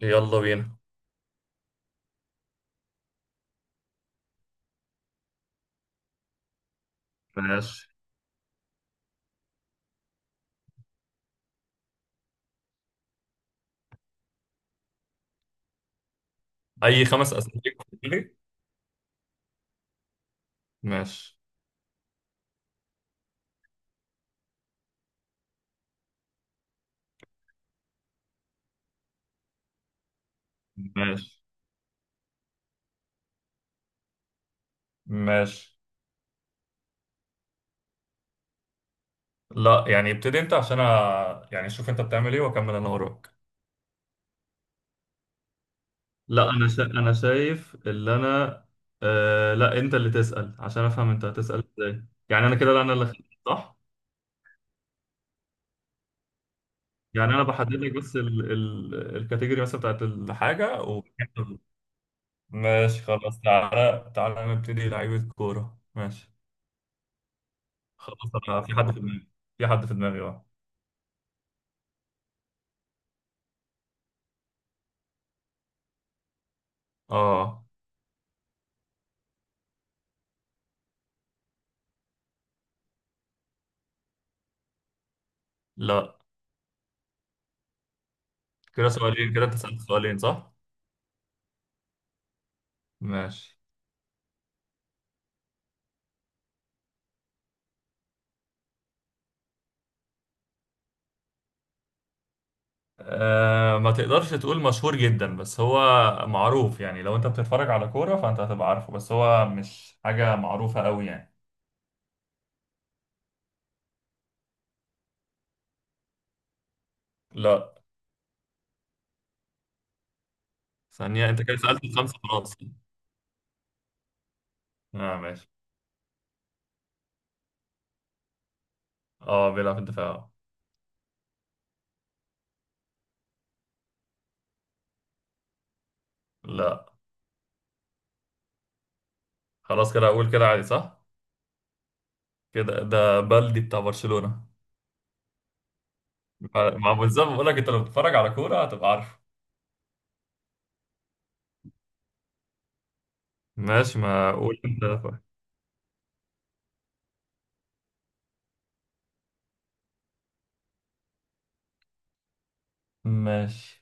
يلا بينا. ماشي. اي خمس اسئله ليك. ماشي ماشي ماشي. لا، يعني ابتدي انت عشان يعني شوف انت بتعمل ايه واكمل انا وراك. لا، انا شايف اللي انا. لا، انت اللي تسأل عشان افهم انت هتسأل ازاي، يعني انا كده. لا، صح. يعني انا بحدد لك بس الكاتيجوري مثلا بتاعت الحاجة. ماشي خلاص، تعالى تعالى نبتدي لعيبه كوره. ماشي خلاص، انا في حد في دماغي، في حد في دماغي اه. اه. لا، كده سؤالين، كده انت سألت سؤالين صح؟ ماشي. أه، ما تقدرش تقول مشهور جدا بس هو معروف، يعني لو انت بتتفرج على كورة فانت هتبقى عارفه، بس هو مش حاجة معروفة قوي يعني. لا، ثانية انت كده سألت الخمسة خلاص. اه ماشي. اه، بيلعب في الدفاع. لا. خلاص كده اقول كده عادي صح؟ كده ده بلدي بتاع برشلونة. مع بالظبط، بقول لك انت لو بتتفرج على كورة هتبقى عارفه. ماشي، ما اقول انت. ماشي.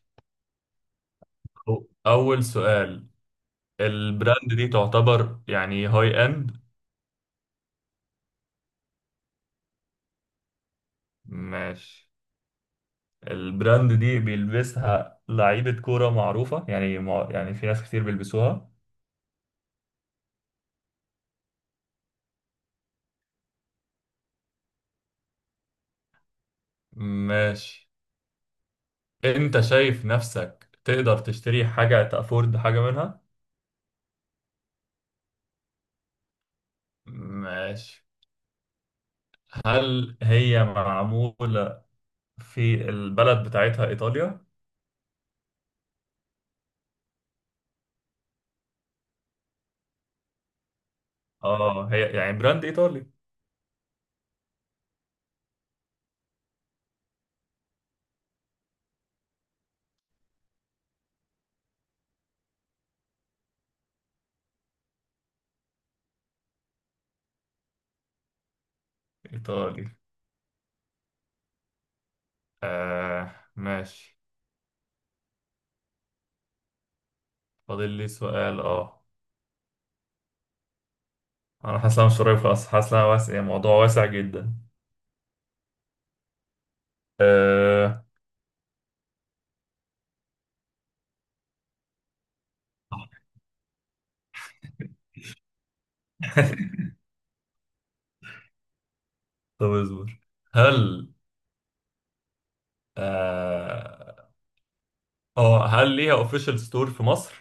اول سؤال. البراند دي تعتبر يعني هاي اند. ماشي. البراند دي بيلبسها لعيبة كورة معروفة، يعني يعني في ناس كتير بيلبسوها. ماشي. انت شايف نفسك تقدر تشتري حاجة، تأفورد حاجة منها. ماشي. هل هي معمولة في البلد بتاعتها إيطاليا؟ اه، هي يعني براند إيطالي. إيطالي آه. ماشي. فاضل لي سؤال اه. انا حاسس إن أنا مش قريب خالص، حاسس إن أنا واسع، يعني موضوع واسع جدا. أه... طب اصبر. هل اه آه، هل ليها اوفيشال ستور في مصر؟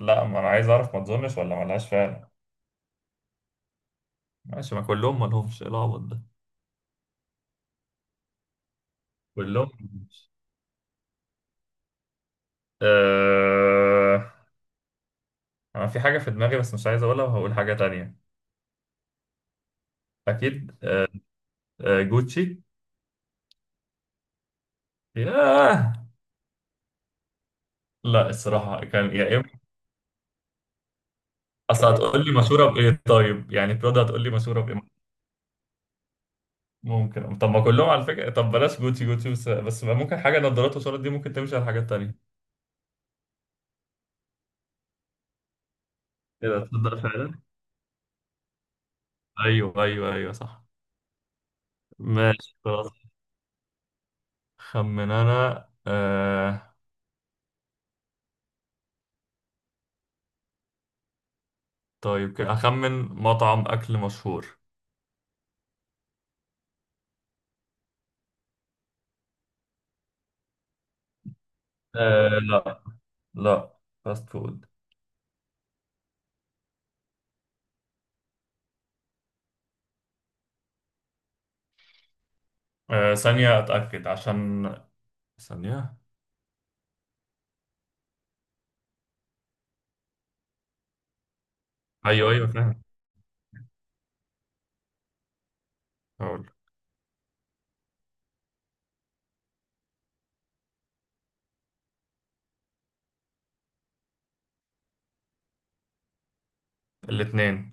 لا، ما انا عايز اعرف، ما تظنش ولا ما لهاش فعلا. ماشي، ما كلهم ما لهمش، ايه العبط ده. كلهم ما لهمش. أه... انا في حاجة في دماغي بس مش عايز اقولها، وهقول حاجة تانية. اكيد. جوتشي. ياه. لا، الصراحة كان يا اما. اصل هتقول لي مشهورة بايه، طيب يعني برادا هتقول لي مشهورة بايه. ممكن، طب ما كلهم على فكرة. طب بلاش جوتي جوتي، بس ما ممكن حاجة نظارات وشارات دي ممكن تمشي على حاجات تانية. ايه ده تصدق فعلا. ايوه ايوه ايوه، صح. ماشي خلاص. خمن انا. طيب كده اخمن مطعم اكل مشهور. لا. لا، فاست فود. ثانية اتأكد عشان. ثانية. ايوه ايوه فاهم. هقول. الاتنين.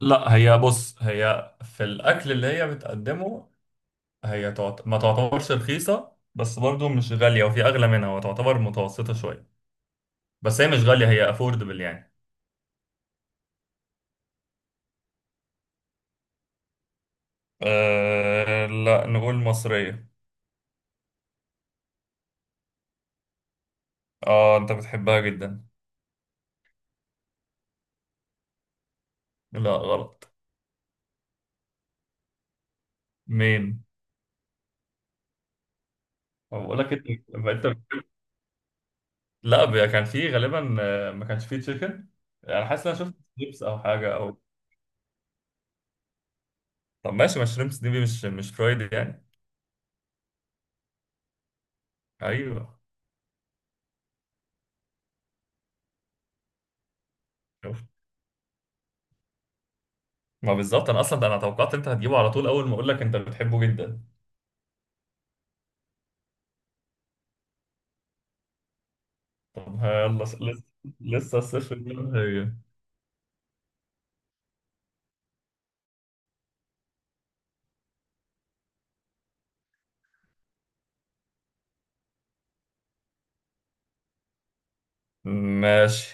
لا، هي بص هي في الاكل اللي هي بتقدمه، هي ما تعتبرش رخيصة، بس برضو مش غالية، وفي أغلى منها، وتعتبر متوسطة شوية، بس هي مش غالية، هي أفوردبل يعني. لا، نقول مصرية. اه، انت بتحبها جدا. لا غلط. مين؟ بقول لك انت. لا، كان في غالبا، ما كانش فيه تشيكن. انا حاسس ان انا شفت شريمس او حاجه او. طب ماشي، ما شريمس دي مش فرايد يعني. ايوه. شوف. ما بالظبط، انا اصلا ده انا توقعت انت هتجيبه على طول، اول ما اقول لك انت بتحبه جدا. طب يلا لسه. لسه الصفر زي ما هي. ماشي.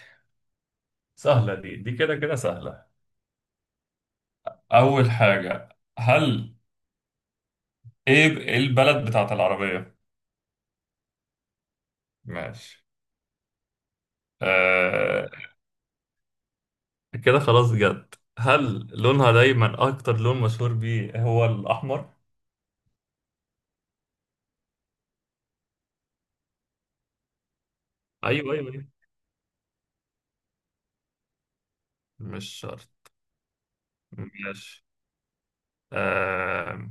سهلة، دي كده كده سهلة. أول حاجة، هل إيه البلد بتاعت العربية؟ ماشي. آه. كده خلاص جد، هل لونها دايما أكتر لون مشهور بيه هو الأحمر؟ أيوه أيوه أيوه، مش شرط. ماشي. آه.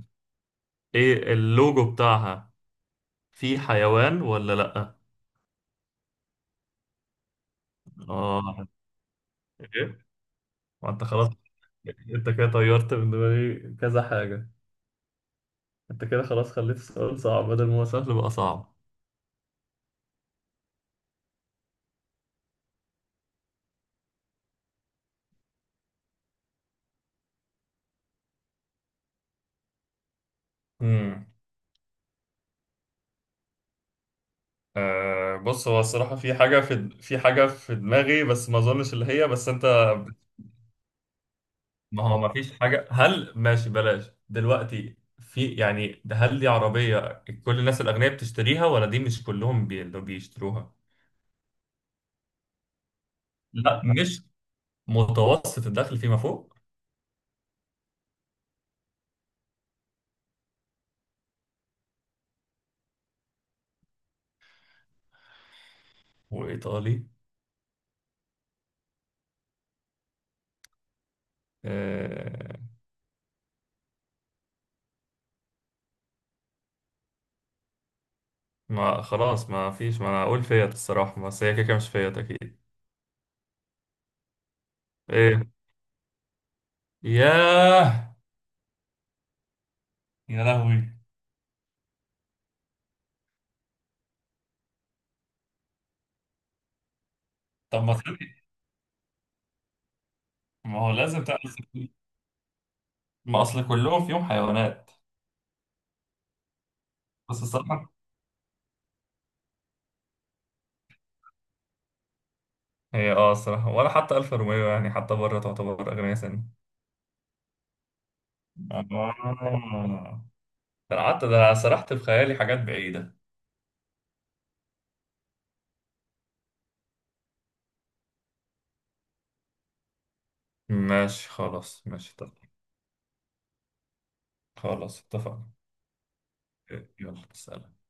إيه اللوجو بتاعها، فيه حيوان ولا لأ؟ آه. إيه؟ ما انت خلاص، انت كده طيرت من دماغي كذا حاجة. انت كده خلاص، خليت السؤال صعب بدل ما هو سهل بقى صعب. امم آه بص، هو الصراحة في حاجة في حاجة في دماغي، بس ما اظنش اللي هي، بس انت. ما هو ما فيش حاجة، هل ماشي بلاش دلوقتي، في يعني ده، هل دي عربية كل الناس الأغنياء بتشتريها ولا دي مش كلهم اللي بيشتروها. لا، مش متوسط الدخل فيما فوق. وإيطالي. آه. ما خلاص ما فيش، ما انا اقول فيت الصراحة، بس هي كده كده مش فيت اكيد. ايه. ياه. يا لهوي. طب ما تخلي. ما هو لازم تعرف. ما اصل كلهم فيهم حيوانات. بس الصراحة هي اه الصراحة، ولا حتى الف روميو يعني، حتى بره تعتبر اغنية سن. آه. ده أنا قعدت، ده أنا سرحت في خيالي حاجات بعيدة. ماشي خلاص ماشي طب. خلاص اتفقنا. إيه، يلا سلام.